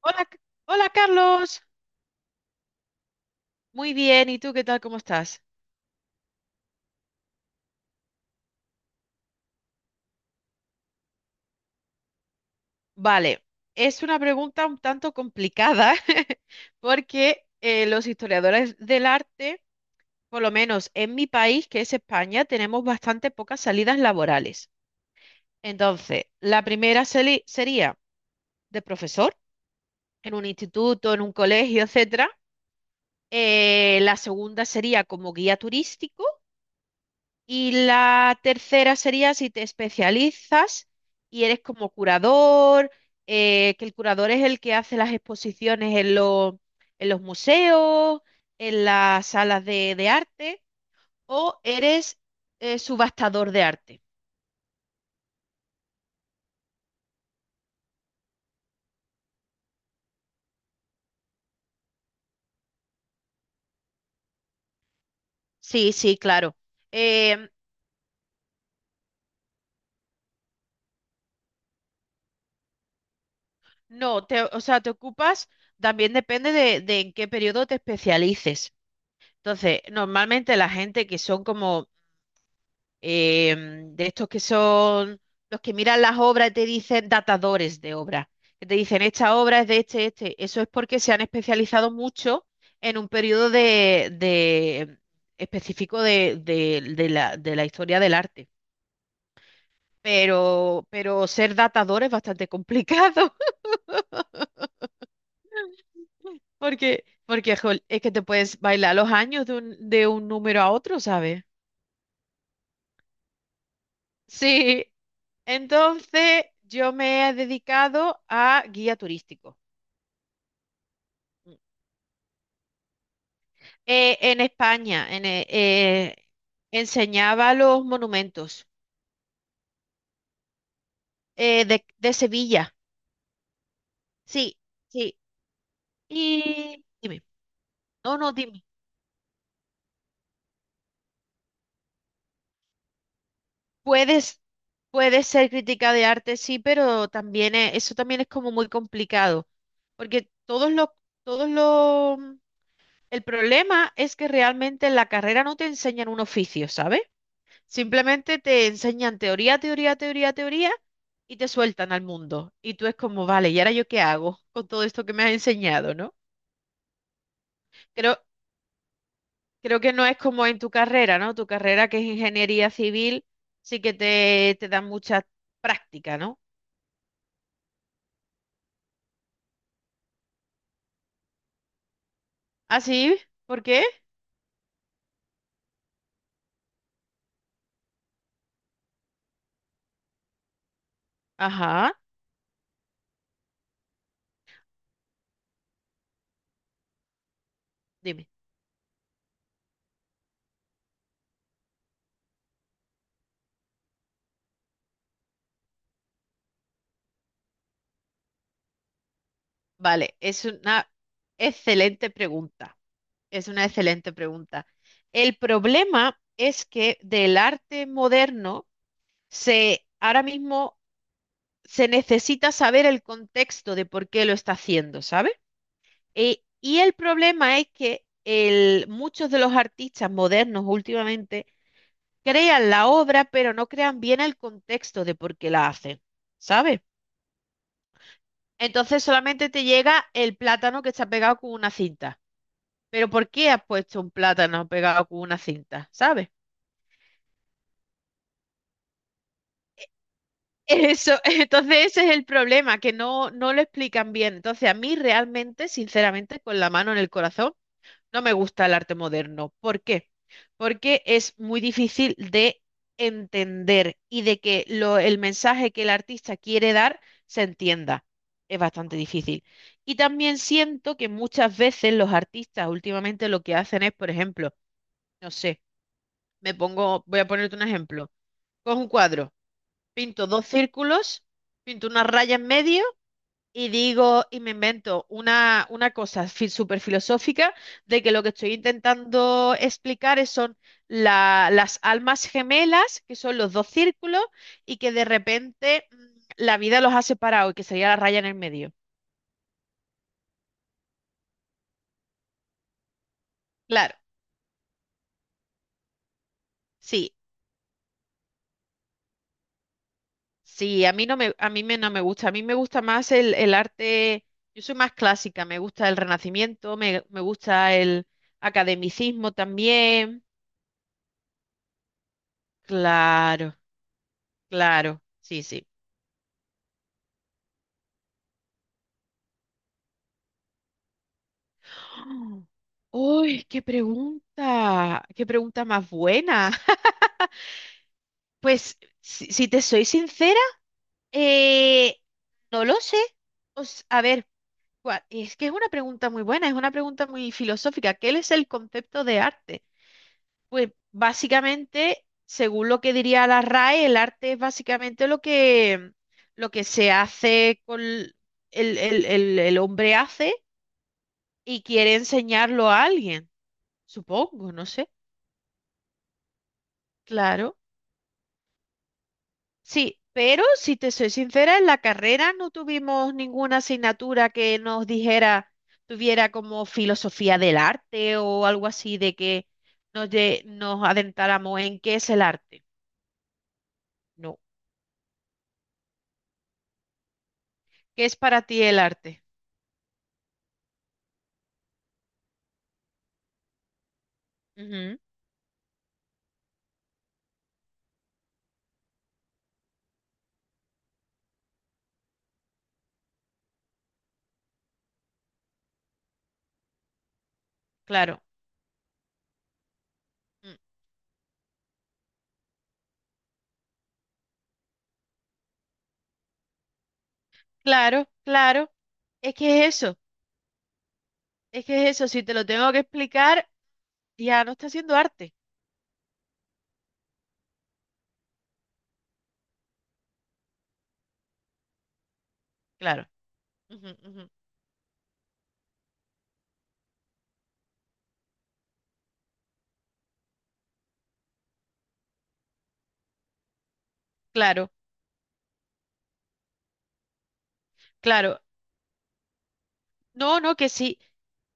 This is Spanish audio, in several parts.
Hola, hola Carlos. Muy bien, ¿y tú qué tal? ¿Cómo estás? Vale, es una pregunta un tanto complicada. Porque los historiadores del arte, por lo menos en mi país, que es España, tenemos bastante pocas salidas laborales. Entonces, la primera sería de profesor en un instituto, en un colegio, etcétera. La segunda sería como guía turístico. Y la tercera sería si te especializas y eres como curador, que el curador es el que hace las exposiciones en los museos, en las salas de arte, o eres subastador de arte. Sí, sí, claro. Em, no, o sea, te ocupas, también depende de en qué periodo te especialices. Entonces, normalmente la gente que son como de estos que son los que miran las obras y te dicen datadores de obras, que te dicen esta obra es de este, este. Eso es porque se han especializado mucho en un periodo específico de de la historia del arte. Pero ser datador es bastante complicado. Porque, porque jol, es que te puedes bailar los años de un número a otro, ¿sabes? Sí, entonces yo me he dedicado a guía turístico. En España, enseñaba los monumentos de Sevilla. Sí, sí. Y dime, no, no, dime. Puedes, puedes ser crítica de arte, sí, pero también eso también es como muy complicado, porque todos los, el problema es que realmente en la carrera no te enseñan un oficio, ¿sabes? Simplemente te enseñan teoría, teoría, teoría, teoría y te sueltan al mundo. Y tú es como, vale, ¿y ahora yo qué hago con todo esto que me has enseñado, ¿no? Creo, creo que no es como en tu carrera, ¿no? Tu carrera que es ingeniería civil, sí que te dan mucha práctica, ¿no? ¿Ah, sí? ¿Por qué? Ajá, dime. Vale, es una excelente pregunta. Es una excelente pregunta. El problema es que del arte moderno se ahora mismo se necesita saber el contexto de por qué lo está haciendo, ¿sabes? Y el problema es que muchos de los artistas modernos últimamente crean la obra, pero no crean bien el contexto de por qué la hacen, ¿sabes? Entonces solamente te llega el plátano que está pegado con una cinta. Pero ¿por qué has puesto un plátano pegado con una cinta? ¿Sabes? Eso, entonces ese es el problema, que no, no lo explican bien. Entonces a mí realmente, sinceramente, con la mano en el corazón, no me gusta el arte moderno. ¿Por qué? Porque es muy difícil de entender y de que el mensaje que el artista quiere dar se entienda. Es bastante difícil. Y también siento que muchas veces los artistas últimamente lo que hacen es, por ejemplo, no sé, me pongo, voy a ponerte un ejemplo. Cojo un cuadro, pinto dos círculos, pinto una raya en medio y digo, y me invento una cosa súper filosófica de que lo que estoy intentando explicar es, son las almas gemelas, que son los dos círculos, y que de repente la vida los ha separado y que sería la raya en el medio. Claro, sí, sí, a mí no me, a mí me, no me gusta, a mí me gusta más el arte, yo soy más clásica, me gusta el Renacimiento, me gusta el academicismo también. Claro, claro, sí, sí. ¡Ah! Uy, qué pregunta más buena. Pues, si te soy sincera, eh, no lo sé. Os a ver, es que es una pregunta muy buena, es una pregunta muy filosófica. ¿Qué es el concepto de arte? Pues, básicamente, según lo que diría la RAE, el arte es básicamente lo que se hace con el hombre hace y quiere enseñarlo a alguien, supongo, no sé, claro. Sí, pero si te soy sincera, en la carrera no tuvimos ninguna asignatura que nos dijera, tuviera como filosofía del arte o algo así de que nos adentráramos en qué es el arte. No, ¿qué es para ti el arte? Ujú, claro, mm, claro, claro. Es que es eso, es que es eso. Si te lo tengo que explicar, ya no está haciendo arte. Claro, ujú, ujú, claro, claro. No, no, que sí.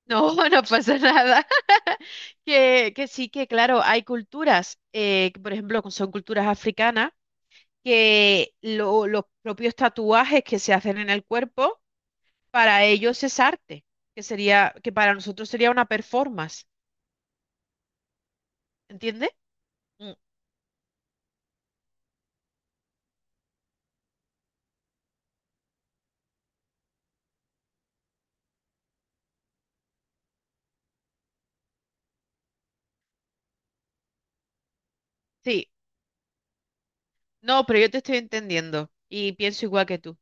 No, no pasa nada. Que sí, que claro, hay culturas, que por ejemplo, son culturas africanas, que los propios tatuajes que se hacen en el cuerpo, para ellos es arte, que sería, que para nosotros sería una performance, ¿entiendes? Mm, sí, no, pero yo te estoy entendiendo y pienso igual que tú.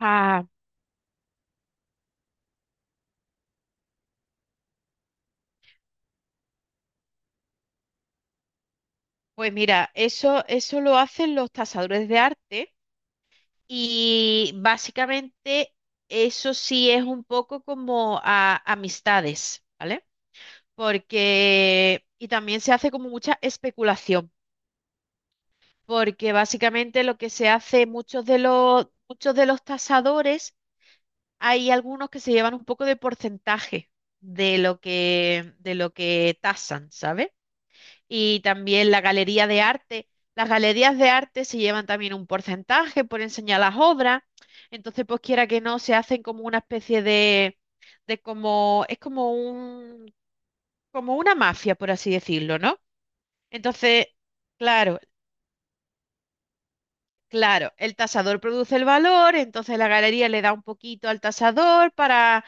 Ah, pues mira, eso lo hacen los tasadores de arte. Y básicamente eso sí es un poco como amistades, ¿vale? Porque, y también se hace como mucha especulación, porque básicamente lo que se hace, muchos de los tasadores, hay algunos que se llevan un poco de porcentaje de lo que tasan, ¿sabes? Y también la galería de arte. Las galerías de arte se llevan también un porcentaje por enseñar las obras, entonces pues quiera que no, se hacen como una especie es como como una mafia, por así decirlo, ¿no? Entonces, claro, claro, el tasador produce el valor, entonces la galería le da un poquito al tasador para,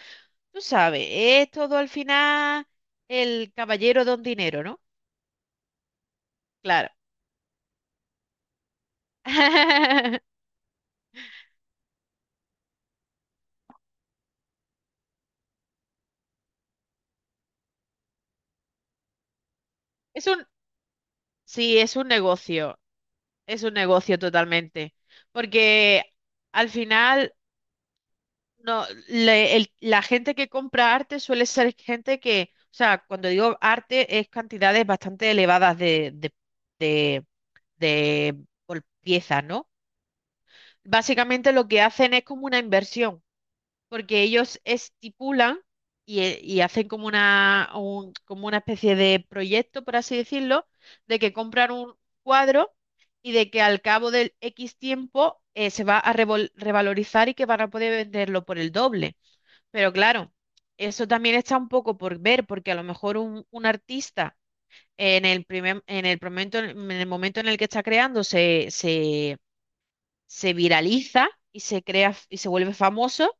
tú sabes, es todo al final el caballero don dinero, ¿no? Claro. Es un, sí, es un negocio. Es un negocio totalmente, porque al final no, la gente que compra arte suele ser gente que, o sea, cuando digo arte es cantidades bastante elevadas de, de por piezas, ¿no? Básicamente lo que hacen es como una inversión porque ellos estipulan y hacen como como una especie de proyecto, por así decirlo, de que compran un cuadro y de que al cabo del X tiempo se va a revalorizar y que van a poder venderlo por el doble. Pero claro, eso también está un poco por ver, porque a lo mejor un artista en el primer, en el momento, en el momento en el que está creando se viraliza y se crea y se vuelve famoso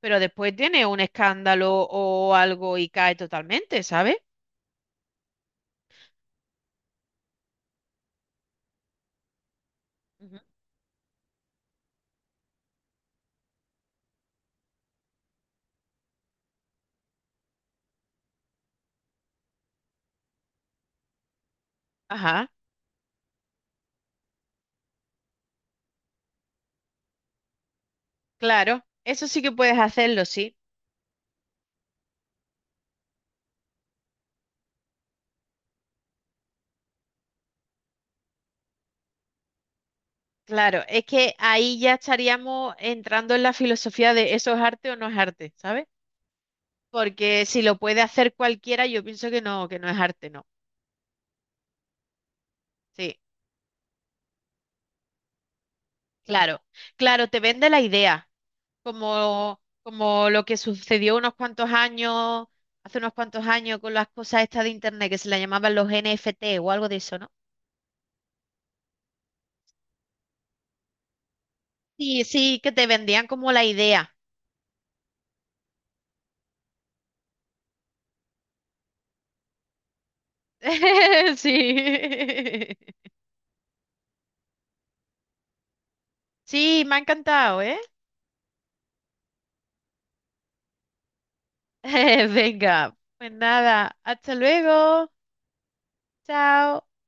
pero después tiene un escándalo o algo y cae totalmente, ¿sabes? Ujú. Ajá, claro, eso sí que puedes hacerlo, sí. Claro, es que ahí ya estaríamos entrando en la filosofía de eso es arte o no es arte, ¿sabes? Porque si lo puede hacer cualquiera, yo pienso que no es arte, no. Sí, claro, claro, te vende la idea, como, como lo que sucedió unos cuantos años, hace unos cuantos años con las cosas estas de internet que se le llamaban los NFT o algo de eso, ¿no? Sí, sí, que te vendían como la idea. Sí. Sí, me ha encantado, ¿eh? Venga. Pues nada, hasta luego. Chao.